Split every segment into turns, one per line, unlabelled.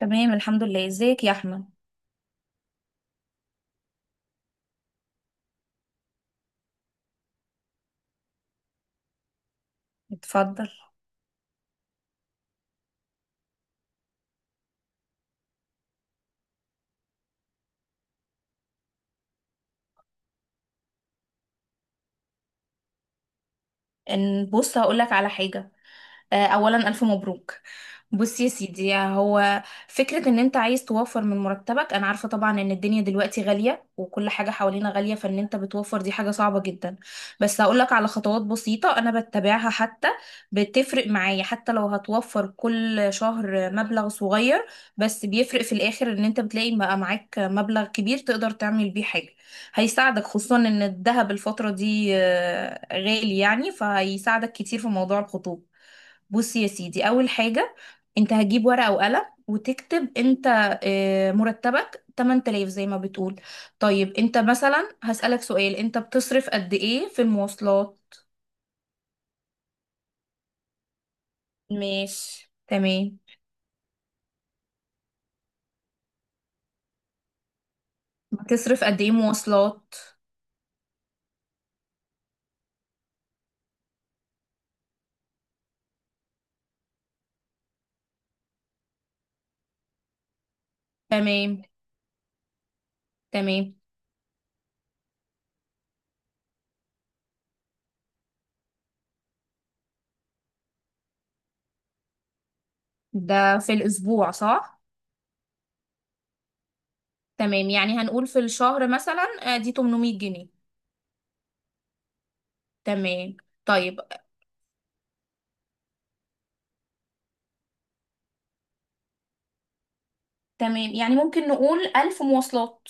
تمام، الحمد لله. ازيك يا احمد؟ اتفضل. ان بص هقول لك على حاجه. اولا الف مبروك. بص يا سيدي، هو فكرة ان انت عايز توفر من مرتبك. انا عارفة طبعا ان الدنيا دلوقتي غالية وكل حاجة حوالينا غالية، فان انت بتوفر دي حاجة صعبة جدا. بس هقولك على خطوات بسيطة انا بتبعها، حتى بتفرق معايا. حتى لو هتوفر كل شهر مبلغ صغير بس بيفرق في الاخر، ان انت بتلاقي بقى معاك مبلغ كبير تقدر تعمل بيه حاجة. هيساعدك خصوصا ان الذهب الفترة دي غالي يعني، فهيساعدك كتير في موضوع الخطوبة. بصي يا سيدي، اول حاجه انت هتجيب ورقه وقلم وتكتب انت. مرتبك 8000 زي ما بتقول. طيب انت مثلا هسألك سؤال: انت بتصرف قد ايه في المواصلات؟ ماشي تمام. بتصرف قد ايه مواصلات؟ تمام. تمام. ده في الاسبوع صح؟ تمام، يعني هنقول في الشهر مثلا دي 800 جنيه. تمام. طيب. تمام، يعني ممكن نقول 1000 مواصلات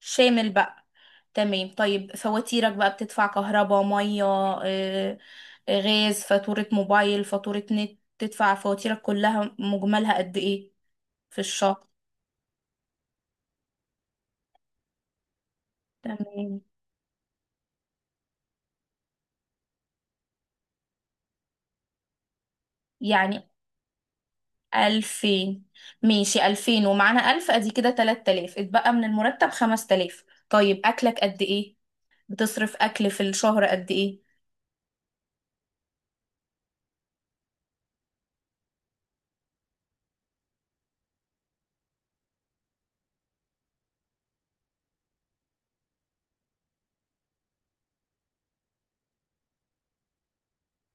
شامل بقى. تمام. طيب فواتيرك بقى، بتدفع كهرباء مية، آه، غاز، فاتورة موبايل، فاتورة نت. تدفع فواتيرك كلها مجملها قد ايه في الشهر؟ تمام، يعني ألفين. ماشي، ألفين ومعانا ألف أدي كده 3 تلاف، اتبقى من المرتب 5 تلاف. طيب أكلك قد ايه؟ بتصرف أكل في الشهر قد ايه؟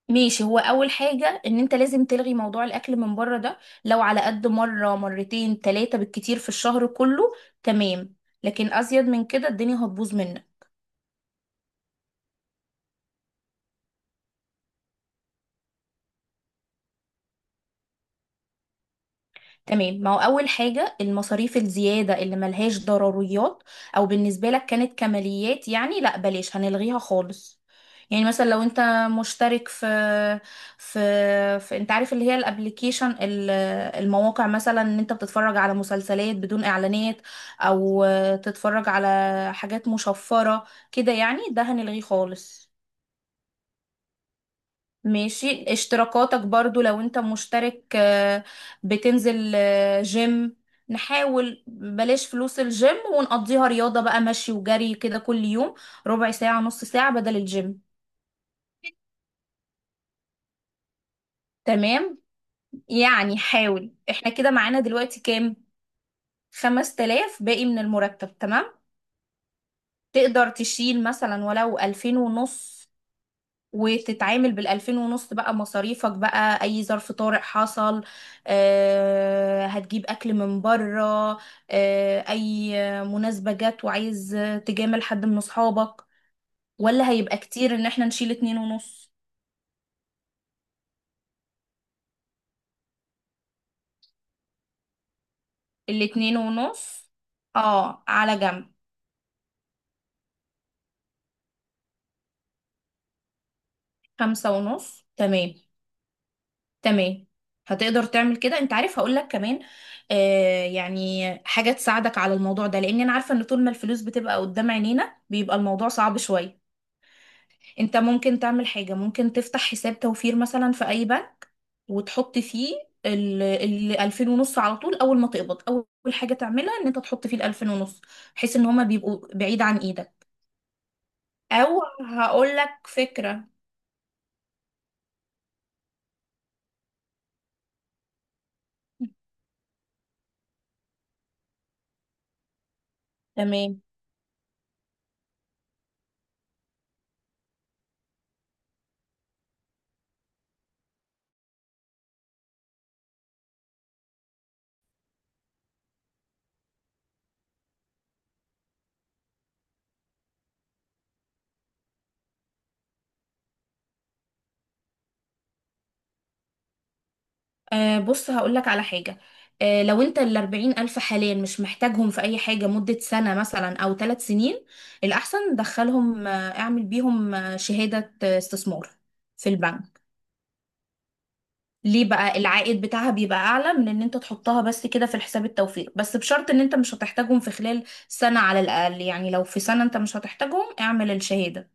ماشي، هو اول حاجه ان انت لازم تلغي موضوع الاكل من بره ده، لو على قد مره مرتين تلاتة بالكتير في الشهر كله. تمام. لكن ازيد من كده الدنيا هتبوظ منك. تمام، ما هو أول حاجة المصاريف الزيادة اللي ملهاش ضروريات أو بالنسبة لك كانت كماليات يعني، لا بلاش، هنلغيها خالص. يعني مثلا لو انت مشترك في في, انت عارف اللي هي الابليكيشن المواقع، مثلا ان انت بتتفرج على مسلسلات بدون اعلانات او تتفرج على حاجات مشفرة كده يعني، ده هنلغيه خالص. ماشي. اشتراكاتك برضو لو انت مشترك بتنزل جيم، نحاول بلاش فلوس الجيم ونقضيها رياضة بقى، مشي وجري كده كل يوم ربع ساعة نص ساعة بدل الجيم. تمام، يعني حاول. احنا كده معانا دلوقتي كام؟ 5 تلاف باقي من المرتب، تمام. تقدر تشيل مثلا ولو ألفين ونص، وتتعامل بالألفين ونص بقى مصاريفك بقى. أي ظرف طارئ حصل، هتجيب أكل من بره، أي مناسبة جت وعايز تجامل حد من أصحابك. ولا هيبقى كتير إن احنا نشيل اتنين ونص؟ الاتنين ونص، اه، على جنب. خمسة ونص تمام. تمام. هتقدر تعمل كده. انت عارف، هقولك كمان يعني حاجة تساعدك على الموضوع ده، لان انا عارفة ان طول ما الفلوس بتبقى قدام عينينا بيبقى الموضوع صعب شوية. انت ممكن تعمل حاجة، ممكن تفتح حساب توفير مثلا في اي بنك وتحط فيه ال 2000 ونص على طول. اول ما تقبض اول حاجة تعملها ان انت تحط فيه ال 2000 ونص، بحيث ان هما بيبقوا بعيد عن ايدك. او هقول لك فكرة. تمام. بص هقول لك على حاجة. لو انت ال 40 ألف حاليا مش محتاجهم في أي حاجة مدة سنة مثلا أو 3 سنين، الأحسن دخلهم، اعمل بيهم شهادة استثمار في البنك. ليه بقى؟ العائد بتاعها بيبقى اعلى من ان انت تحطها بس كده في الحساب التوفير، بس بشرط ان انت مش هتحتاجهم في خلال سنة على الاقل. يعني لو في سنة انت مش هتحتاجهم اعمل الشهادة،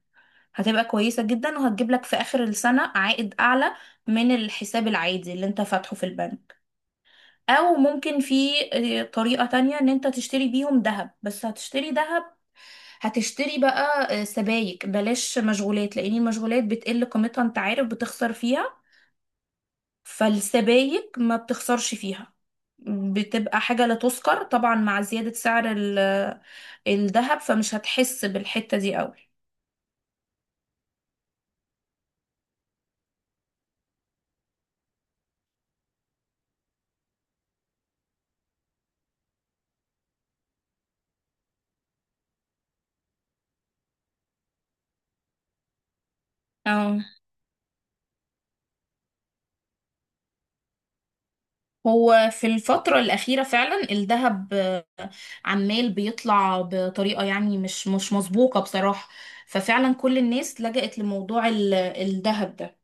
هتبقى كويسة جدا وهتجيب لك في اخر السنة عائد اعلى من الحساب العادي اللي انت فاتحه في البنك. او ممكن في طريقة تانية، ان انت تشتري بيهم ذهب. بس هتشتري ذهب، هتشتري بقى سبايك، بلاش مشغولات، لان المشغولات بتقل قيمتها، انت عارف بتخسر فيها. فالسبايك ما بتخسرش فيها، بتبقى حاجة لا تذكر طبعا مع زيادة سعر الذهب، فمش هتحس بالحتة دي قوي. اه. هو في الفترة الأخيرة فعلا الذهب عمال بيطلع بطريقة يعني مش مسبوقة بصراحة. ففعلا كل الناس لجأت لموضوع الذهب ده.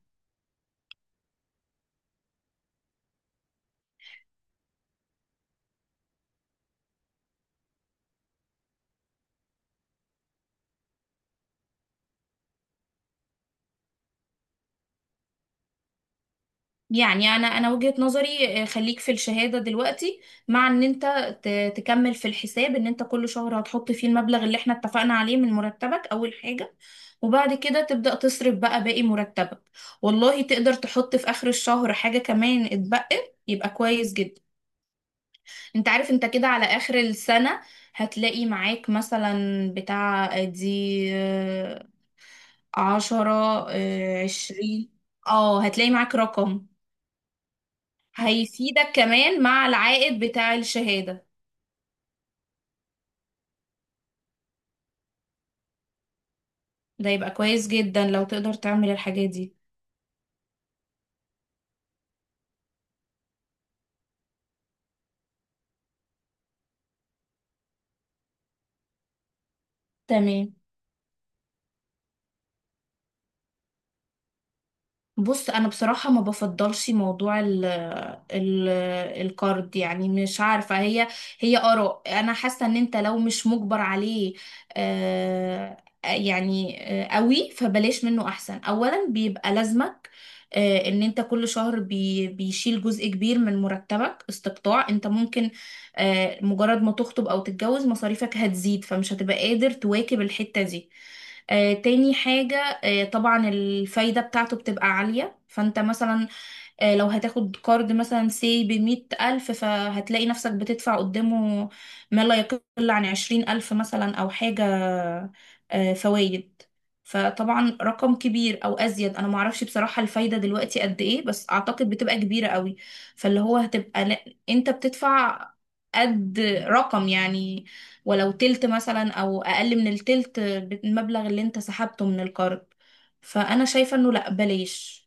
يعني انا وجهة نظري خليك في الشهادة دلوقتي، مع ان انت تكمل في الحساب ان انت كل شهر هتحط فيه المبلغ اللي احنا اتفقنا عليه من مرتبك اول حاجة، وبعد كده تبدأ تصرف بقى باقي مرتبك. والله تقدر تحط في اخر الشهر حاجة كمان اتبقت يبقى كويس جدا. انت عارف انت كده على اخر السنة هتلاقي معاك مثلا بتاع دي عشرة، عشرين. اه، هتلاقي معاك رقم هيفيدك كمان مع العائد بتاع الشهادة. ده يبقى كويس جدا لو تقدر تعمل الحاجات دي. تمام. بص انا بصراحه ما بفضلش موضوع ال ال الكارد، يعني مش عارفه، هي اراء. انا حاسه ان انت لو مش مجبر عليه آه يعني قوي، فبلاش منه احسن. اولا بيبقى لازمك ان انت كل شهر بيشيل جزء كبير من مرتبك استقطاع انت ممكن، مجرد ما تخطب او تتجوز مصاريفك هتزيد فمش هتبقى قادر تواكب الحته دي. تاني حاجة، طبعا الفايدة بتاعته بتبقى عالية. فانت مثلا لو هتاخد كارد مثلا سي بمية ألف، فهتلاقي نفسك بتدفع قدامه ما لا يقل عن 20 ألف مثلا أو حاجة فوائد. فطبعا رقم كبير أو أزيد، أنا معرفش بصراحة الفايدة دلوقتي قد إيه، بس أعتقد بتبقى كبيرة قوي. فاللي هو هتبقى لا، أنت بتدفع قد رقم يعني ولو تلت مثلا أو أقل من التلت بالمبلغ اللي أنت سحبته من الكارد. فأنا شايفة إنه لأ، بلاش.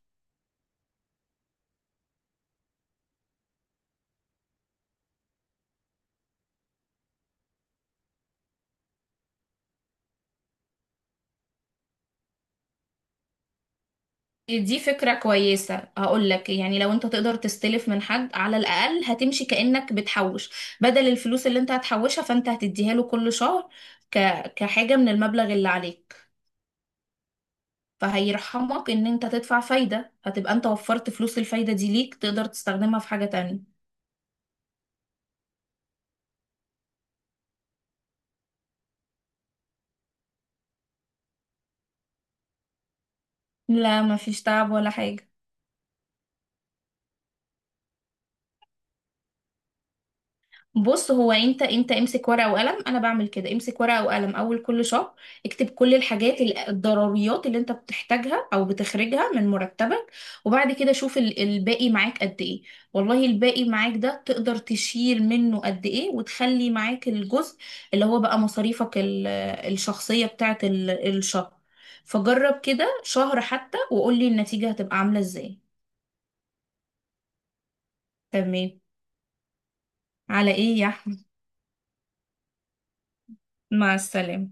دي فكرة كويسة، هقول لك. يعني لو انت تقدر تستلف من حد على الأقل، هتمشي كأنك بتحوش. بدل الفلوس اللي انت هتحوشها، فانت هتديها له كل شهر ك... كحاجة من المبلغ اللي عليك. فهيرحمك ان انت تدفع فايدة، هتبقى انت وفرت فلوس الفايدة دي ليك، تقدر تستخدمها في حاجة تانية. لا، مفيش تعب ولا حاجة. بص هو انت، امسك ورقه وقلم. انا بعمل كده، امسك ورقه وقلم اول كل شهر، اكتب كل الحاجات الضروريات اللي انت بتحتاجها او بتخرجها من مرتبك، وبعد كده شوف الباقي معاك قد ايه. والله الباقي معاك ده تقدر تشيل منه قد ايه وتخلي معاك الجزء اللي هو بقى مصاريفك الشخصيه بتاعت الشهر. فجرب كده شهر حتى وقولي النتيجه هتبقى عامله ازاي. تمام. على ايه يا احمد؟ مع السلامه.